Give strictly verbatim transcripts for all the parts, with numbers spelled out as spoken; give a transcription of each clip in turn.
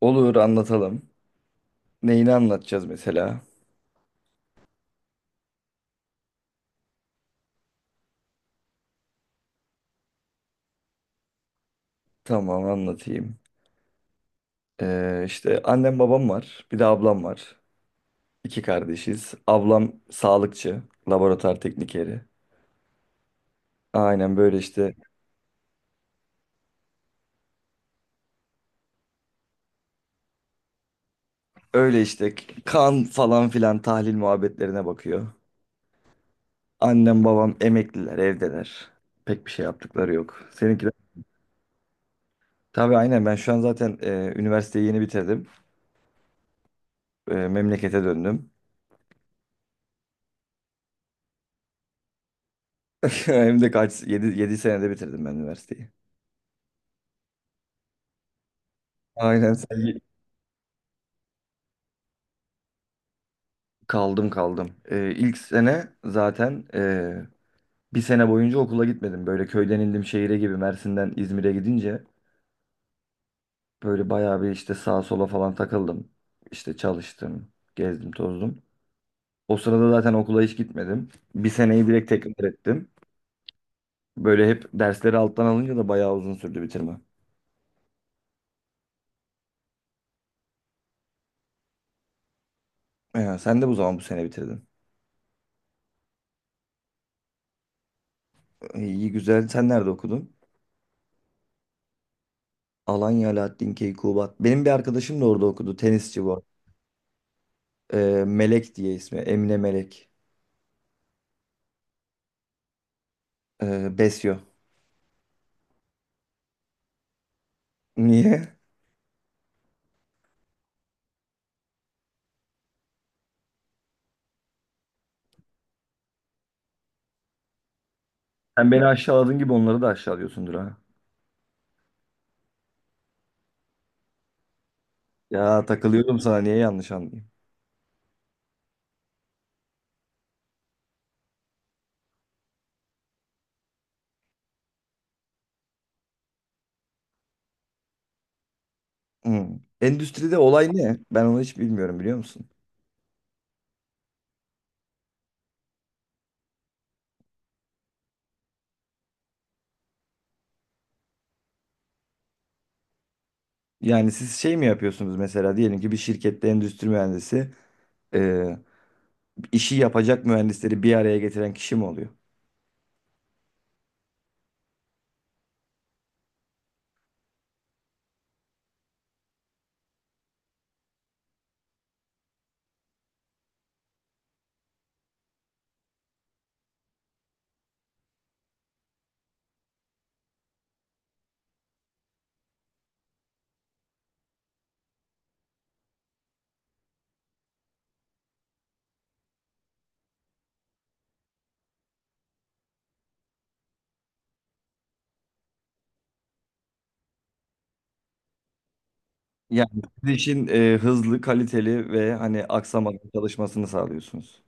Olur anlatalım. Neyini anlatacağız mesela? Tamam anlatayım. Ee, işte annem babam var. Bir de ablam var. İki kardeşiz. Ablam sağlıkçı. Laboratuvar teknikeri. Aynen böyle işte. Öyle işte kan falan filan tahlil muhabbetlerine bakıyor. Annem babam emekliler evdeler. Pek bir şey yaptıkları yok. Seninki de... Tabii aynen ben şu an zaten e, üniversiteyi yeni bitirdim. E, memlekete döndüm. Hem de kaç yedi yedi senede bitirdim ben üniversiteyi. Aynen sen. Kaldım kaldım. Ee, ilk sene zaten e, bir sene boyunca okula gitmedim. Böyle köyden indim şehire gibi Mersin'den İzmir'e gidince böyle bayağı bir işte sağa sola falan takıldım. İşte çalıştım, gezdim, tozdum. O sırada zaten okula hiç gitmedim. Bir seneyi direkt tekrar ettim. Böyle hep dersleri alttan alınca da bayağı uzun sürdü bitirme. Ee, sen de bu zaman bu sene bitirdin. Ee, İyi güzel. Sen nerede okudun? Alanya Alaaddin Keykubat. Benim bir arkadaşım da orada okudu. Tenisçi bu. arada. Ee, Melek diye ismi. Emine Melek. Ee, besyo. Niye? Sen beni aşağıladığın gibi onları da aşağılıyorsundur ha. Ya takılıyorum sana niye yanlış anlayayım? Hmm. Endüstride olay ne? Ben onu hiç bilmiyorum biliyor musun? Yani siz şey mi yapıyorsunuz mesela diyelim ki bir şirkette endüstri mühendisi e, işi yapacak mühendisleri bir araya getiren kişi mi oluyor? Yani siz işin e, hızlı, kaliteli ve hani aksamadan çalışmasını sağlıyorsunuz.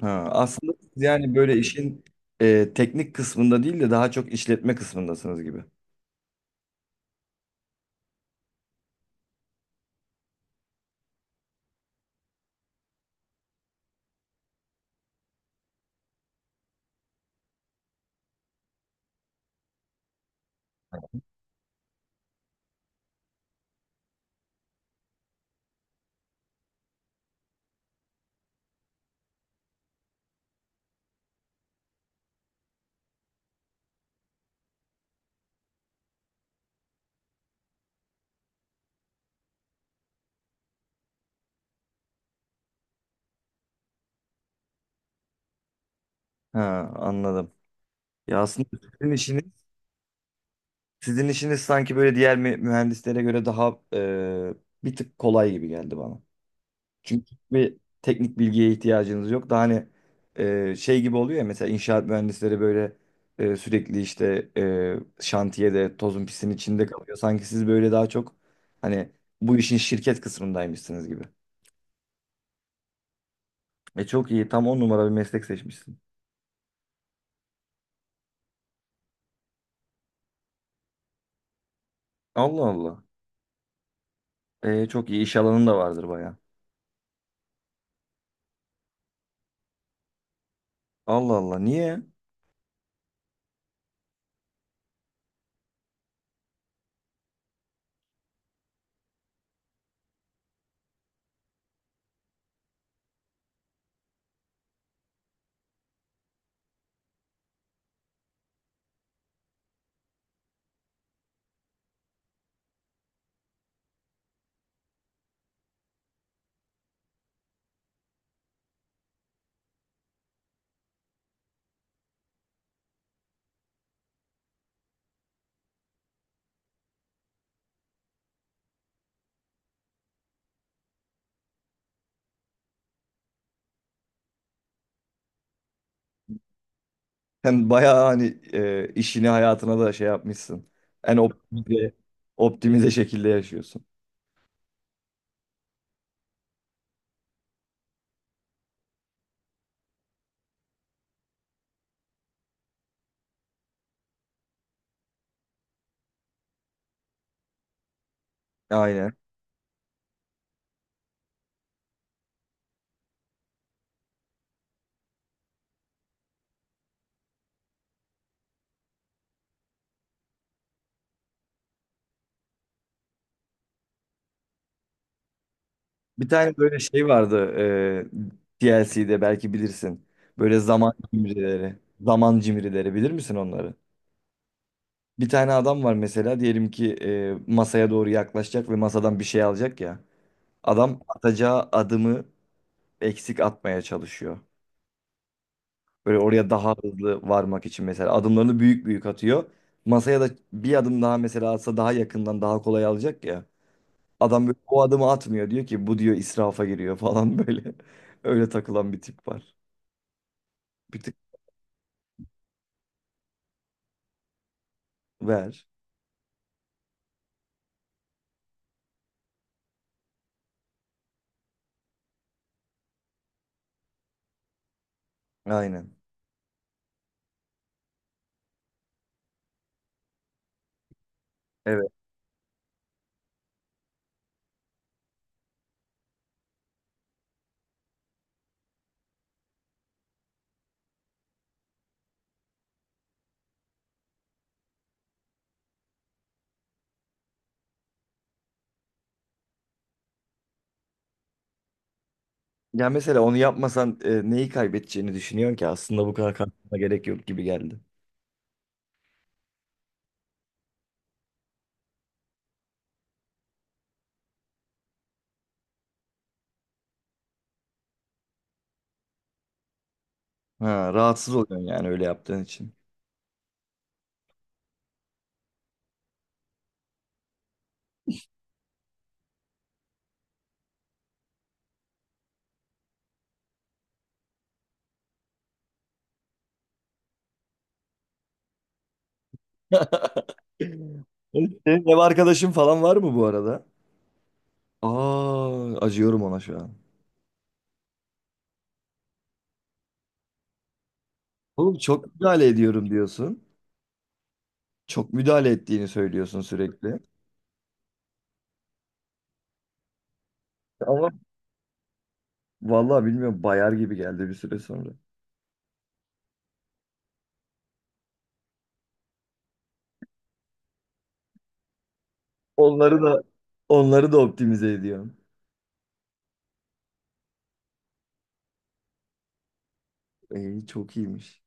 Ha, aslında siz yani böyle işin e, teknik kısmında değil de daha çok işletme kısmındasınız gibi. Ha, anladım. Ya aslında sizin işiniz, sizin işiniz sanki böyle diğer mü- mühendislere göre daha e, bir tık kolay gibi geldi bana. Çünkü bir teknik bilgiye ihtiyacınız yok. Daha hani e, şey gibi oluyor ya mesela inşaat mühendisleri böyle e, sürekli işte e, şantiyede tozun pisin içinde kalıyor. Sanki siz böyle daha çok hani bu işin şirket kısmındaymışsınız gibi. E çok iyi tam on numara bir meslek seçmişsin. Allah Allah. E, çok iyi iş alanın da vardır baya. Allah Allah niye? Hem bayağı hani e, işini hayatına da şey yapmışsın. En optimize, optimize şekilde yaşıyorsun. Aynen. Bir tane böyle şey vardı e, D L C'de belki bilirsin. Böyle zaman cimrileri. Zaman cimrileri bilir misin onları? Bir tane adam var mesela diyelim ki e, masaya doğru yaklaşacak ve masadan bir şey alacak ya. Adam atacağı adımı eksik atmaya çalışıyor. Böyle oraya daha hızlı varmak için mesela adımlarını büyük büyük atıyor. Masaya da bir adım daha mesela atsa daha yakından daha kolay alacak ya. Adam böyle o adımı atmıyor diyor ki bu diyor israfa giriyor falan böyle. Öyle takılan bir tip var. Bir tık ver. Aynen. Evet. Ya mesela onu yapmasan e, neyi kaybedeceğini düşünüyorsun ki aslında bu kadar kaybetmene gerek yok gibi geldi. Ha, rahatsız oluyorsun yani öyle yaptığın için. Senin ev arkadaşın falan var mı bu arada? Aa, acıyorum ona şu an. Oğlum çok müdahale ediyorum diyorsun. Çok müdahale ettiğini söylüyorsun sürekli. Ama vallahi bilmiyorum bayar gibi geldi bir süre sonra. Onları da onları da optimize ediyorum. İyi çok iyiymiş.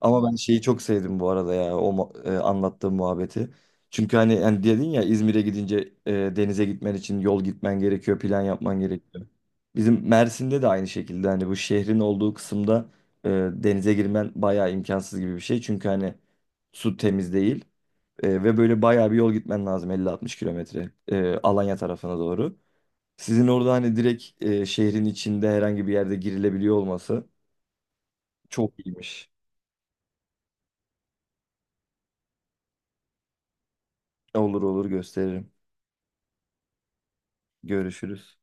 Ama ben şeyi çok sevdim bu arada ya o mu- e, anlattığım muhabbeti. Çünkü hani yani dedin ya İzmir'e gidince e, denize gitmen için yol gitmen gerekiyor, plan yapman gerekiyor. Bizim Mersin'de de aynı şekilde hani bu şehrin olduğu kısımda e, denize girmen bayağı imkansız gibi bir şey. Çünkü hani su temiz değil. E, ve böyle bayağı bir yol gitmen lazım elli altmış kilometre e, Alanya tarafına doğru. Sizin orada hani direkt e, şehrin içinde herhangi bir yerde girilebiliyor olması çok iyiymiş. Olur olur gösteririm. Görüşürüz.